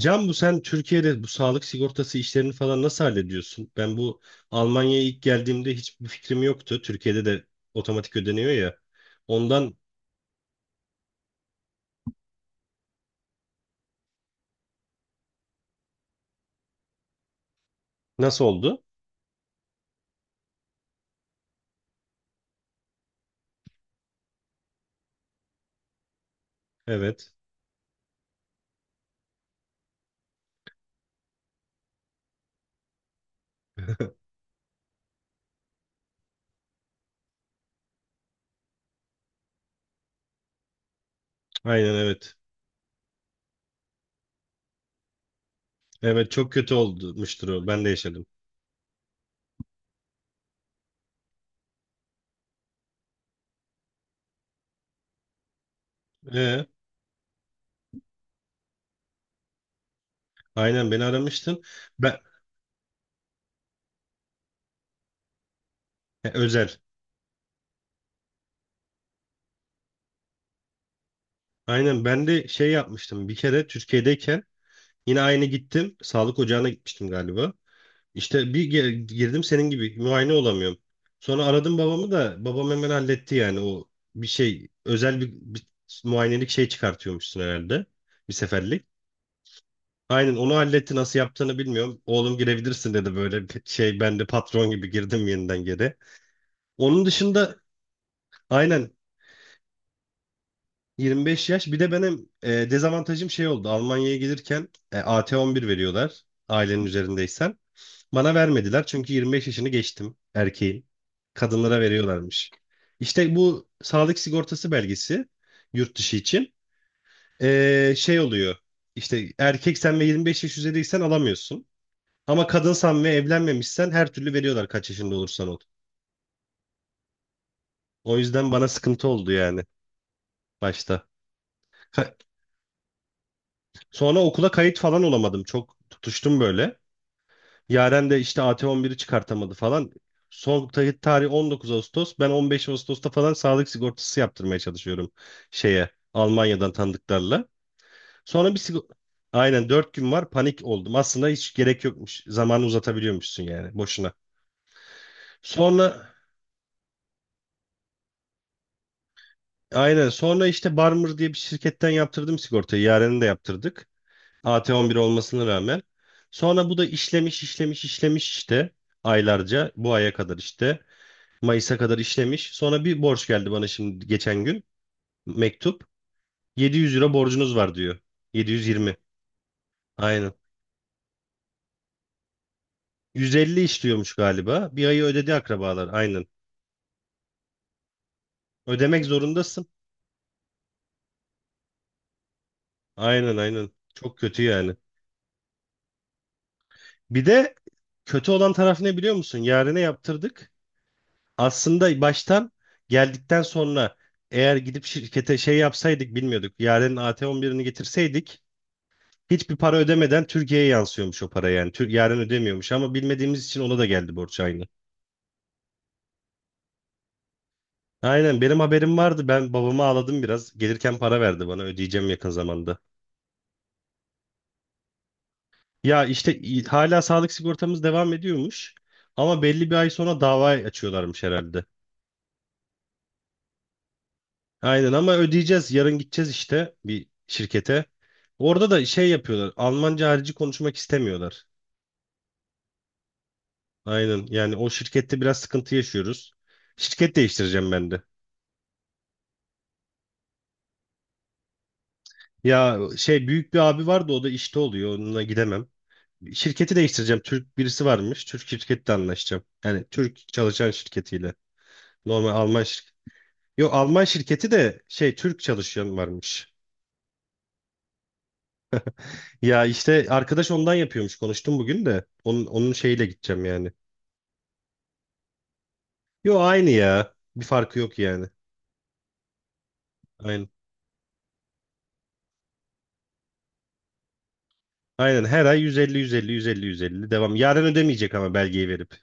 Can, bu sen Türkiye'de bu sağlık sigortası işlerini falan nasıl hallediyorsun? Ben bu Almanya'ya ilk geldiğimde hiçbir fikrim yoktu. Türkiye'de de otomatik ödeniyor ya. Ondan Nasıl oldu? Evet. Aynen, evet. Evet, çok kötü olmuştur o. Ben de yaşadım. Ee, aynen, beni aramıştın. Ben He, özel. Aynen, ben de şey yapmıştım. Bir kere Türkiye'deyken yine aynı gittim. Sağlık ocağına gitmiştim galiba. İşte girdim, senin gibi muayene olamıyorum. Sonra aradım babamı da babam hemen halletti yani o bir şey, özel bir muayenelik şey çıkartıyormuşsun herhalde, bir seferlik. Aynen, onu halletti, nasıl yaptığını bilmiyorum. Oğlum girebilirsin dedi, böyle bir şey, ben de patron gibi girdim yeniden geri. Onun dışında aynen. 25 yaş bir de benim, dezavantajım şey oldu. Almanya'ya gelirken AT11 veriyorlar ailenin üzerindeysen. Bana vermediler çünkü 25 yaşını geçtim, erkeğin. Kadınlara veriyorlarmış. İşte bu sağlık sigortası belgesi, yurt dışı için şey oluyor. İşte erkeksen ve 25 yaş üzeriysen alamıyorsun. Ama kadınsan ve evlenmemişsen her türlü veriyorlar, kaç yaşında olursan ol. O yüzden bana sıkıntı oldu yani başta. Ka- Sonra okula kayıt falan olamadım. Çok tutuştum böyle. Yaren de işte AT11'i çıkartamadı falan. Son tarih 19 Ağustos. Ben 15 Ağustos'ta falan sağlık sigortası yaptırmaya çalışıyorum, şeye, Almanya'dan tanıdıklarla. Sonra bir sigorta... Aynen, 4 gün var, panik oldum. Aslında hiç gerek yokmuş. Zamanı uzatabiliyormuşsun yani, boşuna. Sonra. Aynen, sonra işte Barmer diye bir şirketten yaptırdım sigortayı. Yaren'i de yaptırdık. AT11 olmasına rağmen. Sonra bu da işlemiş, işlemiş, işlemiş işte, aylarca, bu aya kadar işte. Mayıs'a kadar işlemiş. Sonra bir borç geldi bana şimdi geçen gün. Mektup. 700 euro borcunuz var diyor. 720. Aynen. 150 işliyormuş galiba. Bir ayı ödedi akrabalar. Aynen. Ödemek zorundasın. Aynen, aynen. Çok kötü yani. Bir de kötü olan taraf ne biliyor musun? Yarına yaptırdık. Aslında baştan, geldikten sonra, eğer gidip şirkete şey yapsaydık, bilmiyorduk. Yaren'in AT11'ini getirseydik hiçbir para ödemeden Türkiye'ye yansıyormuş o para yani. Yarın ödemiyormuş ama bilmediğimiz için ona da geldi borç, aynı. Aynen, benim haberim vardı. Ben babama ağladım biraz. Gelirken para verdi bana, ödeyeceğim yakın zamanda. Ya işte hala sağlık sigortamız devam ediyormuş. Ama belli bir ay sonra dava açıyorlarmış herhalde. Aynen, ama ödeyeceğiz. Yarın gideceğiz işte bir şirkete. Orada da şey yapıyorlar. Almanca harici konuşmak istemiyorlar. Aynen yani, o şirkette biraz sıkıntı yaşıyoruz. Şirket değiştireceğim ben de. Ya şey, büyük bir abi vardı, o da işte oluyor, onunla gidemem. Şirketi değiştireceğim. Türk birisi varmış. Türk şirketle anlaşacağım. Yani Türk çalışan şirketiyle. Normal Alman şirketi. Yok, Alman şirketi de şey, Türk çalışan varmış. Ya işte arkadaş ondan yapıyormuş. Konuştum bugün de. Onun şeyiyle gideceğim yani. Yo, aynı ya. Bir farkı yok yani. Aynen. Aynen her ay 150 150 150 150 devam. Yarın ödemeyecek ama, belgeyi verip.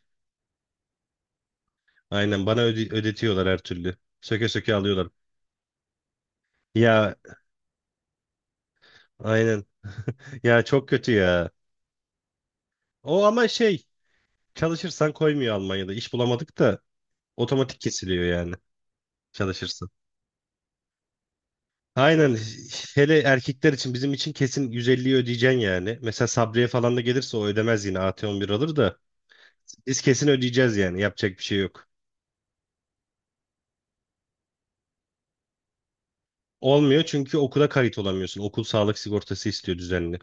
Aynen, bana ödetiyorlar her türlü. Söke söke alıyorlar. Ya. Aynen. Ya çok kötü ya. O ama şey, çalışırsan koymuyor Almanya'da. İş bulamadık da otomatik kesiliyor yani çalışırsan. Aynen, hele erkekler için, bizim için kesin 150'yi ödeyeceksin yani. Mesela Sabriye falan da gelirse o ödemez, yine AT11 alır da, biz kesin ödeyeceğiz yani, yapacak bir şey yok. Olmuyor çünkü okula kayıt olamıyorsun. Okul sağlık sigortası istiyor düzenli.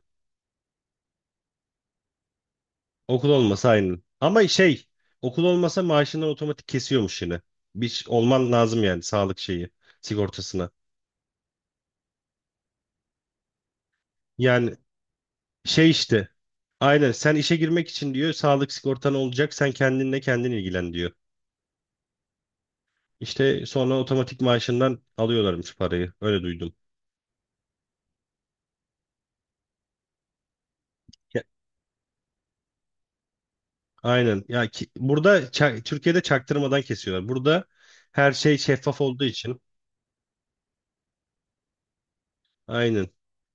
Okul olmasa aynı. Ama şey, okul olmasa maaşından otomatik kesiyormuş yine. Bir olman lazım yani sağlık şeyi, sigortasına. Yani şey işte. Aynen, sen işe girmek için diyor sağlık sigortan olacak, sen kendinle kendin ilgilen diyor. İşte sonra otomatik maaşından alıyorlarmış parayı, öyle duydum. Ya- Aynen ya ki, burada Türkiye'de çaktırmadan kesiyorlar. Burada her şey şeffaf olduğu için aynen,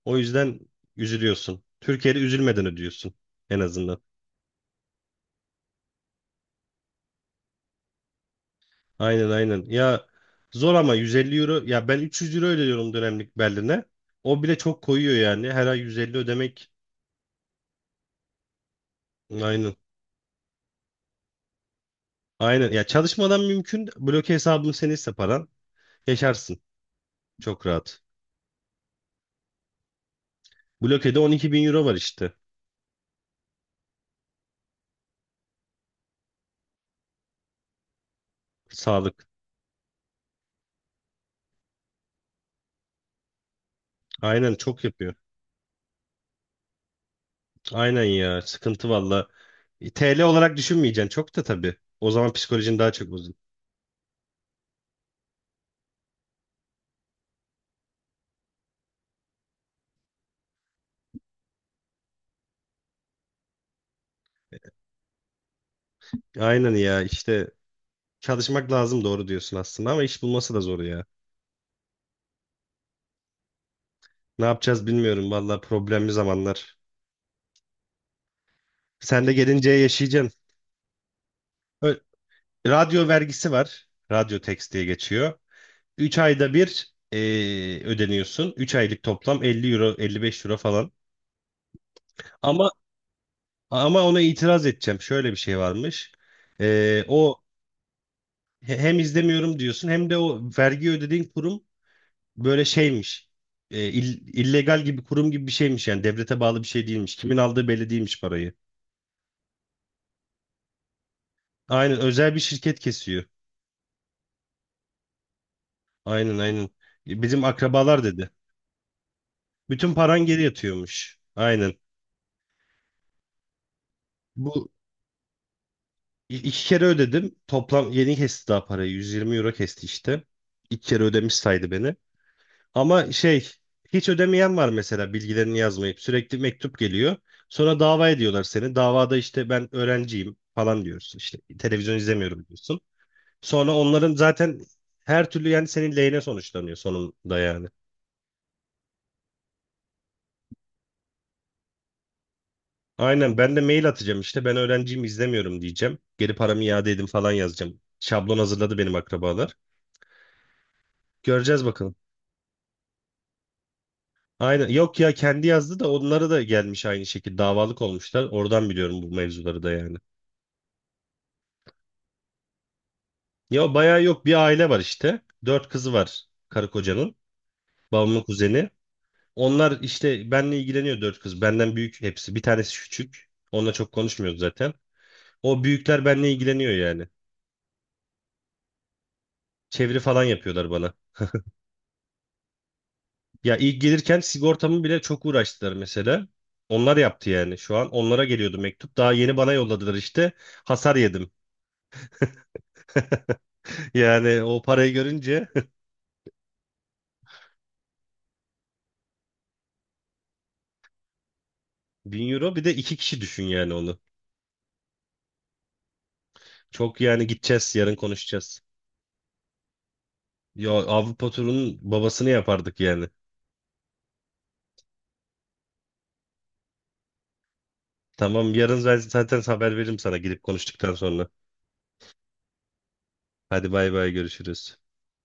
o yüzden üzülüyorsun. Türkiye'de üzülmeden ödüyorsun en azından. Aynen, aynen ya, zor ama. 150 euro ya, ben 300 euro ödüyorum dönemlik Berlin'e. O bile çok koyuyor yani, her ay 150 ödemek. Aynen. Aynen. Ya, çalışmadan mümkün. Bloke hesabın seniyse paran, yaşarsın. Çok rahat. Bloke'de 12 bin euro var işte. Sağlık. Aynen, çok yapıyor. Aynen ya. Sıkıntı valla. TL olarak düşünmeyeceksin çok da tabii. O zaman psikolojin daha çok bozulur. Aynen ya işte, çalışmak lazım, doğru diyorsun aslında ama iş bulması da zor ya. Ne yapacağız bilmiyorum valla, problemli zamanlar. Sen de gelince yaşayacaksın. Ö- Radyo vergisi var. Radyo tax diye geçiyor. 3 ayda bir ödeniyorsun. 3 aylık toplam 50 euro, 55 euro falan. Ama ama ona itiraz edeceğim. Şöyle bir şey varmış. O, hem izlemiyorum diyorsun, hem de o vergi ödediğin kurum böyle şeymiş. Illegal gibi kurum gibi bir şeymiş yani, devlete bağlı bir şey değilmiş. Kimin aldığı belli değilmiş parayı. Aynen, özel bir şirket kesiyor. Aynen, aynen. Bizim akrabalar dedi. Bütün paran geri yatıyormuş. Aynen. Bu İki kere ödedim. Toplam yeni kesti daha parayı. 120 euro kesti işte. İki kere ödemiş saydı beni. Ama şey, hiç ödemeyen var mesela, bilgilerini yazmayıp sürekli mektup geliyor. Sonra dava ediyorlar seni. Davada işte ben öğrenciyim falan diyorsun. İşte televizyon izlemiyorum diyorsun. Sonra onların zaten her türlü yani, senin lehine sonuçlanıyor sonunda yani. Aynen, ben de mail atacağım işte, ben öğrenciyim izlemiyorum diyeceğim. Geri paramı iade edin falan yazacağım. Şablon hazırladı benim akrabalar. Göreceğiz bakalım. Aynen. Yok ya, kendi yazdı da onlara da gelmiş aynı şekilde, davalık olmuşlar. Oradan biliyorum bu mevzuları da yani. Ya bayağı yok, bir aile var işte. Dört kızı var karı kocanın. Babamın kuzeni. Onlar işte benle ilgileniyor, dört kız. Benden büyük hepsi. Bir tanesi küçük. Onunla çok konuşmuyoruz zaten. O büyükler benle ilgileniyor yani. Çeviri falan yapıyorlar bana. Ya ilk gelirken sigortamı bile çok uğraştılar mesela. Onlar yaptı yani şu an. Onlara geliyordu mektup. Daha yeni bana yolladılar işte. Hasar yedim. Yani o parayı görünce... 1.000 euro, bir de iki kişi düşün yani onu. Çok yani, gideceğiz yarın, konuşacağız. Ya, Avrupa turunun babasını yapardık yani. Tamam, yarın ben zaten haber veririm sana, gidip konuştuktan sonra. Hadi bay bay, görüşürüz.